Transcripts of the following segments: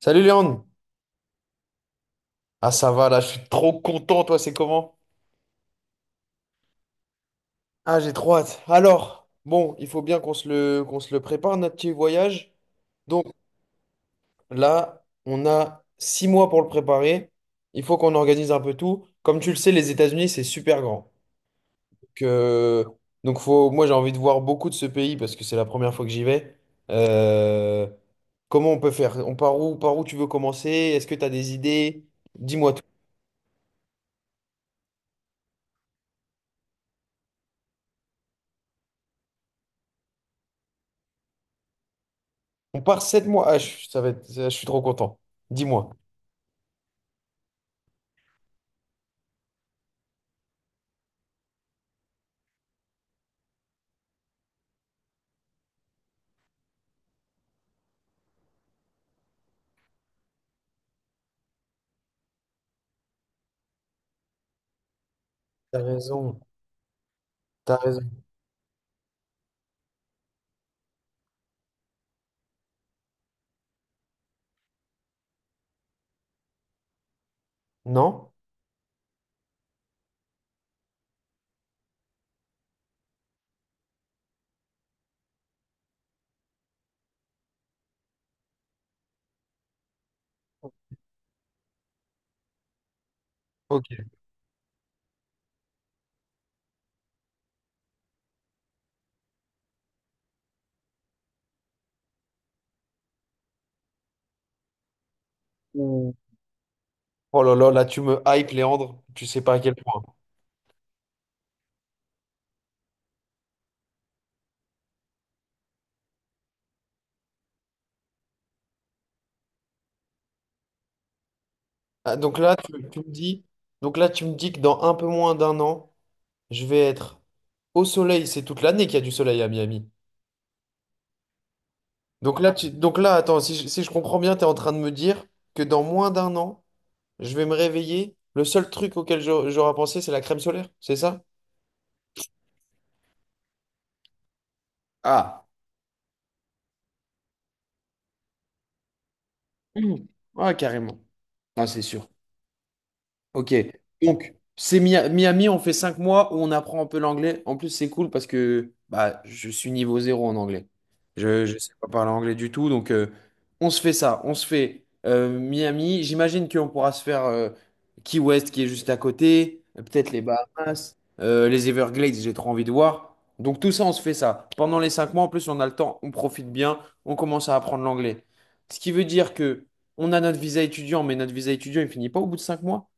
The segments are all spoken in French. Salut Léon! Ah ça va là, je suis trop content, toi c'est comment? Ah j'ai trop hâte. Alors, bon, il faut bien qu'on se le prépare, notre petit voyage. Donc là, on a 6 mois pour le préparer. Il faut qu'on organise un peu tout. Comme tu le sais, les États-Unis, c'est super grand. Donc, euh, donc, faut, moi j'ai envie de voir beaucoup de ce pays parce que c'est la première fois que j'y vais. Euh, Comment on peut faire? On part où, par où tu veux commencer? Est-ce que tu as des idées? Dis-moi tout. On part 7 mois. Ah, je suis trop content. Dis-moi. T'as raison, t'as raison. Non? Ok. Ouh. Oh là là, là tu me hype, Léandre. Tu sais pas à quel point. Ah, donc là, tu me dis que dans un peu moins d'un an, je vais être au soleil. C'est toute l'année qu'il y a du soleil à Miami. Donc là, attends, si je comprends bien, tu es en train de me dire que dans moins d'un an, je vais me réveiller. Le seul truc auquel j'aurais pensé, c'est la crème solaire. C'est ça? Ah, Mmh. Ouais, carrément. Ah c'est sûr. Ok. Donc, c'est Miami, on fait 5 mois où on apprend un peu l'anglais. En plus, c'est cool parce que bah, je suis niveau zéro en anglais. Je ne sais pas parler anglais du tout. Donc, on se fait ça. On se fait Miami. J'imagine qu'on pourra se faire Key West qui est juste à côté. Peut-être les Bahamas. Les Everglades, j'ai trop envie de voir. Donc, tout ça, on se fait ça. Pendant les 5 mois, en plus, on a le temps. On profite bien. On commence à apprendre l'anglais. Ce qui veut dire que on a notre visa étudiant, mais notre visa étudiant, il finit pas au bout de 5 mois.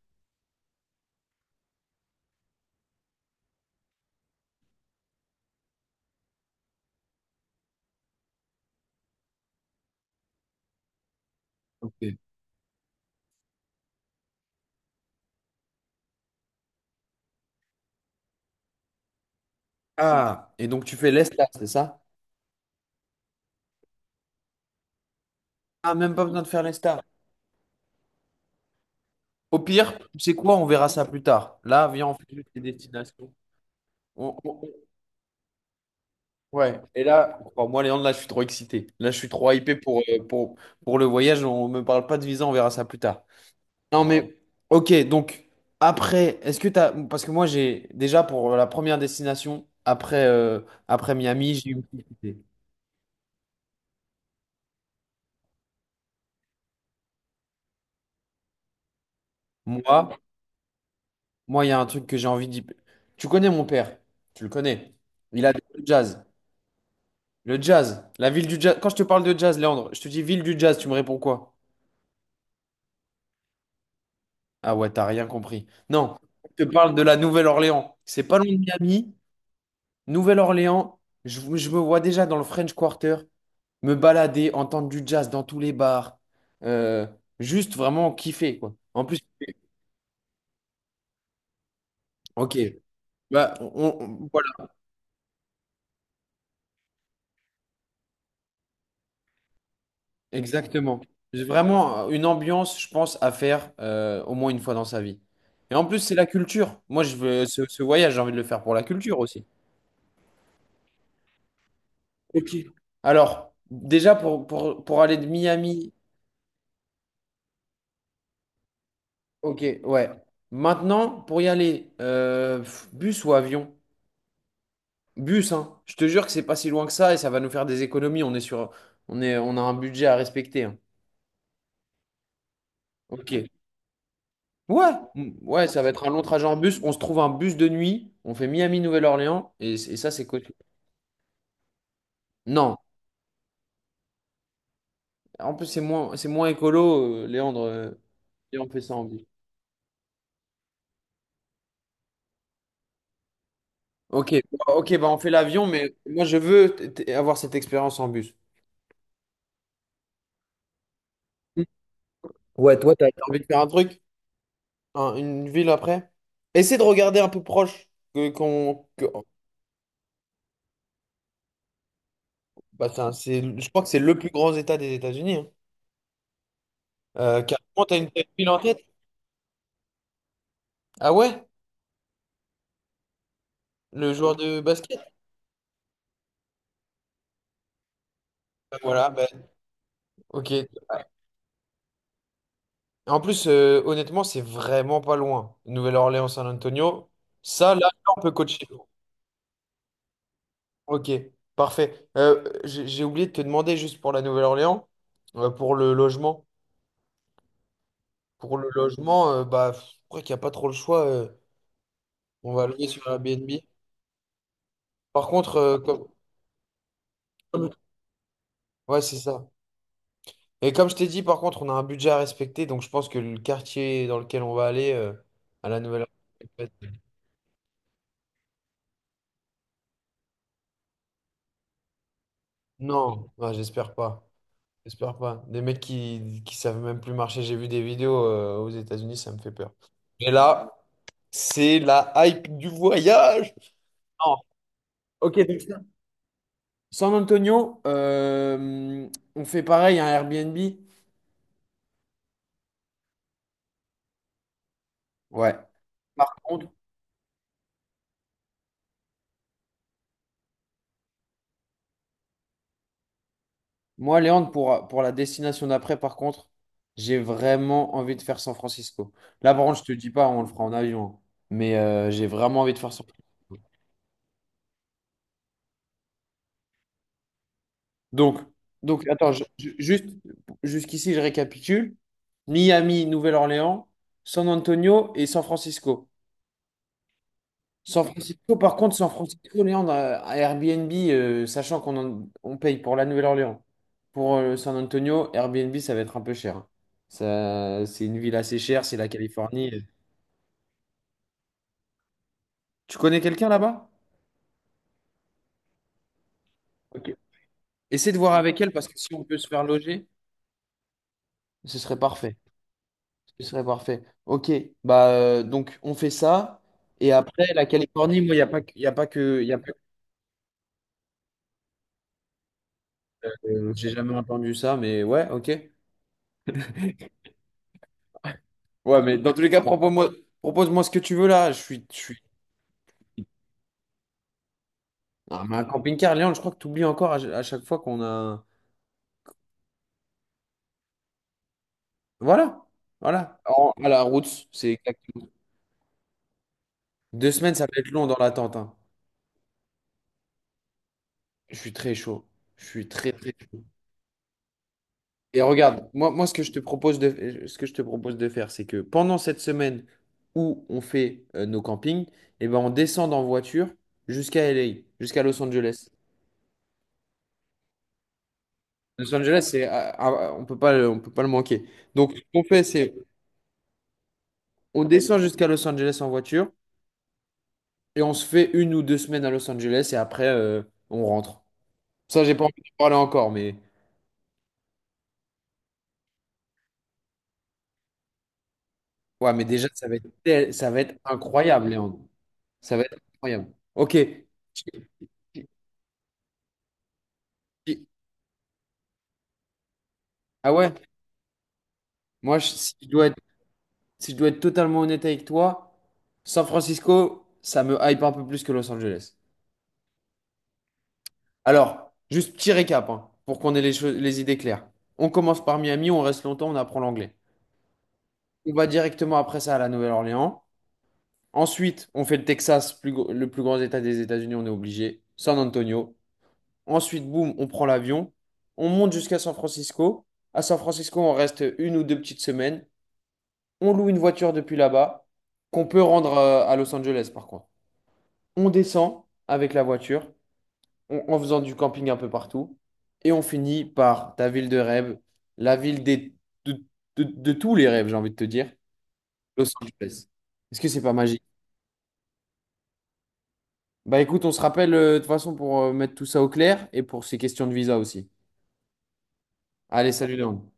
Ok. Ah, et donc tu fais l'ESTA, c'est ça? Ah, même pas besoin de faire l'ESTA. Au pire, tu sais quoi, on verra ça plus tard. Là, viens, on fait juste les destinations. On- on- on- Ouais, et là, moi, Léandre, là, je suis trop excité. Là, je suis trop hypé pour le voyage. On me parle pas de visa, on verra ça plus tard. Non, mais, ok, donc, après, est-ce que t'as parce que moi, j'ai déjà pour la première destination, après, après Miami, j'ai eu une petite idée. Moi, Moi, il y a un truc que j'ai envie d'y... Tu connais mon père, tu le connais. Il a le jazz. Le jazz, la ville du jazz. Quand je te parle de jazz, Léandre, je te dis ville du jazz, tu me réponds quoi? Ah ouais, t'as rien compris. Non, je te parle de la Nouvelle-Orléans. C'est pas loin de Miami. Nouvelle-Orléans, je me vois déjà dans le French Quarter, me balader, entendre du jazz dans tous les bars. Euh, Juste vraiment kiffer, quoi. En plus, ok. Bah, voilà. Exactement. J'ai vraiment une ambiance, je pense, à faire au moins une fois dans sa vie. Et en plus, c'est la culture. Moi, je veux ce voyage, j'ai envie de le faire pour la culture aussi. Ok. Alors, déjà pour aller de Miami, ok, ouais. Maintenant, pour y aller, bus ou avion? Bus, hein. Je te jure que c'est pas si loin que ça et ça va nous faire des économies. On est sur, on est, On a un budget à respecter, hein. Ok. Ouais, ouais, ça va être un long trajet en bus. On se trouve un bus de nuit. On fait Miami-Nouvelle-Orléans et ça, c'est cool. Non, en plus, c'est moins écolo, Léandre. Et on fait ça en bus. Ok, bah on fait l'avion, mais moi, je veux avoir cette expérience en bus. Mm. Ouais, toi, t'as envie de faire un truc, une ville après? Essaie de regarder un peu proche. Que, qu'on, que- bah, c'est, un- c'est- je crois que c'est le plus grand État des États-Unis, hein. Carrément, t'as une ville en tête? Ah ouais? Le joueur de basket? Bah, voilà, bah, ok. En plus, honnêtement, c'est vraiment pas loin. Nouvelle-Orléans, San Antonio. Ça, là, on peut coacher. Ok, parfait. J'ai oublié de te demander juste pour la Nouvelle-Orléans, pour le logement. Pour le logement, bah, je crois qu'il n'y a pas trop le choix. On va louer sur Airbnb. Par contre, comme... comme- Ouais, c'est ça. Et comme je t'ai dit, par contre, on a un budget à respecter, donc je pense que le quartier dans lequel on va aller, à la Nouvelle-Orléans... Non, ouais, j'espère pas. J'espère pas. Des mecs qui savent même plus marcher. J'ai vu des vidéos aux États-Unis, ça me fait peur. Et là, c'est la hype du voyage. Non. Ok, donc ça. San Antonio, on fait pareil, un Airbnb. Ouais. Par contre, moi, Léandre, pour la destination d'après, par contre, j'ai vraiment envie de faire San Francisco. Là, par contre, je te dis pas, on le fera en avion, hein. Mais j'ai vraiment envie de faire San Francisco. Donc, donc, attends, juste jusqu'ici, je récapitule. Miami, Nouvelle-Orléans, San Antonio et San Francisco. San Francisco, par contre, San Francisco, Léandre, à Airbnb, sachant qu'on en- on paye pour la Nouvelle-Orléans. Pour San Antonio, Airbnb, ça va être un peu cher, hein. Ça, c'est une ville assez chère, c'est la Californie. Tu connais quelqu'un là-bas? Ok. Essaie de voir avec elle parce que si on peut se faire loger, ce serait parfait. Ce serait parfait. Ok, bah donc on fait ça. Et après, la Californie, moi, il n'y a pas, y a pas que. Y a pas J'ai jamais entendu ça, mais ouais, ok. Ouais, mais dans tous les cas, propose-moi ce que tu veux là. Je suis. Je suis... Ah, mais un camping-car, Léon, je crois que tu oublies encore à chaque fois qu'on a. Voilà, voilà. À la route, c'est exactement. 2 semaines, ça va être long dans l'attente, hein. Je suis très chaud. Je suis très, très chaud. Et regarde, moi ce que je te propose de, ce que je te propose de faire, c'est que pendant cette semaine où on fait nos campings, eh ben, on descend en voiture jusqu'à LA, jusqu'à Los Angeles. Los Angeles, c'est, ah, ah, ah, on peut pas, on peut pas le manquer. Donc, ce qu'on fait, c'est on descend jusqu'à Los Angeles en voiture et on se fait une ou deux semaines à Los Angeles et après, on rentre. Ça, j'ai pas envie de parler encore, mais ouais, mais déjà, ça va être incroyable, Léandre. Ça va être incroyable. Ok. Ah ouais? Si je dois être, si je dois être, totalement honnête avec toi, San Francisco, ça me hype un peu plus que Los Angeles. Alors, juste petit récap, hein, pour qu'on ait les idées claires. On commence par Miami, on reste longtemps, on apprend l'anglais. On va directement après ça à la Nouvelle-Orléans. Ensuite, on fait le Texas, le plus grand état des États-Unis, on est obligé. San Antonio. Ensuite, boum, on prend l'avion. On monte jusqu'à San Francisco. À San Francisco, on reste une ou deux petites semaines. On loue une voiture depuis là-bas, qu'on peut rendre à Los Angeles par contre. On descend avec la voiture, en faisant du camping un peu partout, et on finit par ta ville de rêve, la ville de, de tous les rêves, j'ai envie de te dire, Los Angeles. Est-ce que c'est pas magique? Bah écoute, on se rappelle de toute façon pour mettre tout ça au clair et pour ces questions de visa aussi. Allez, salut Léon.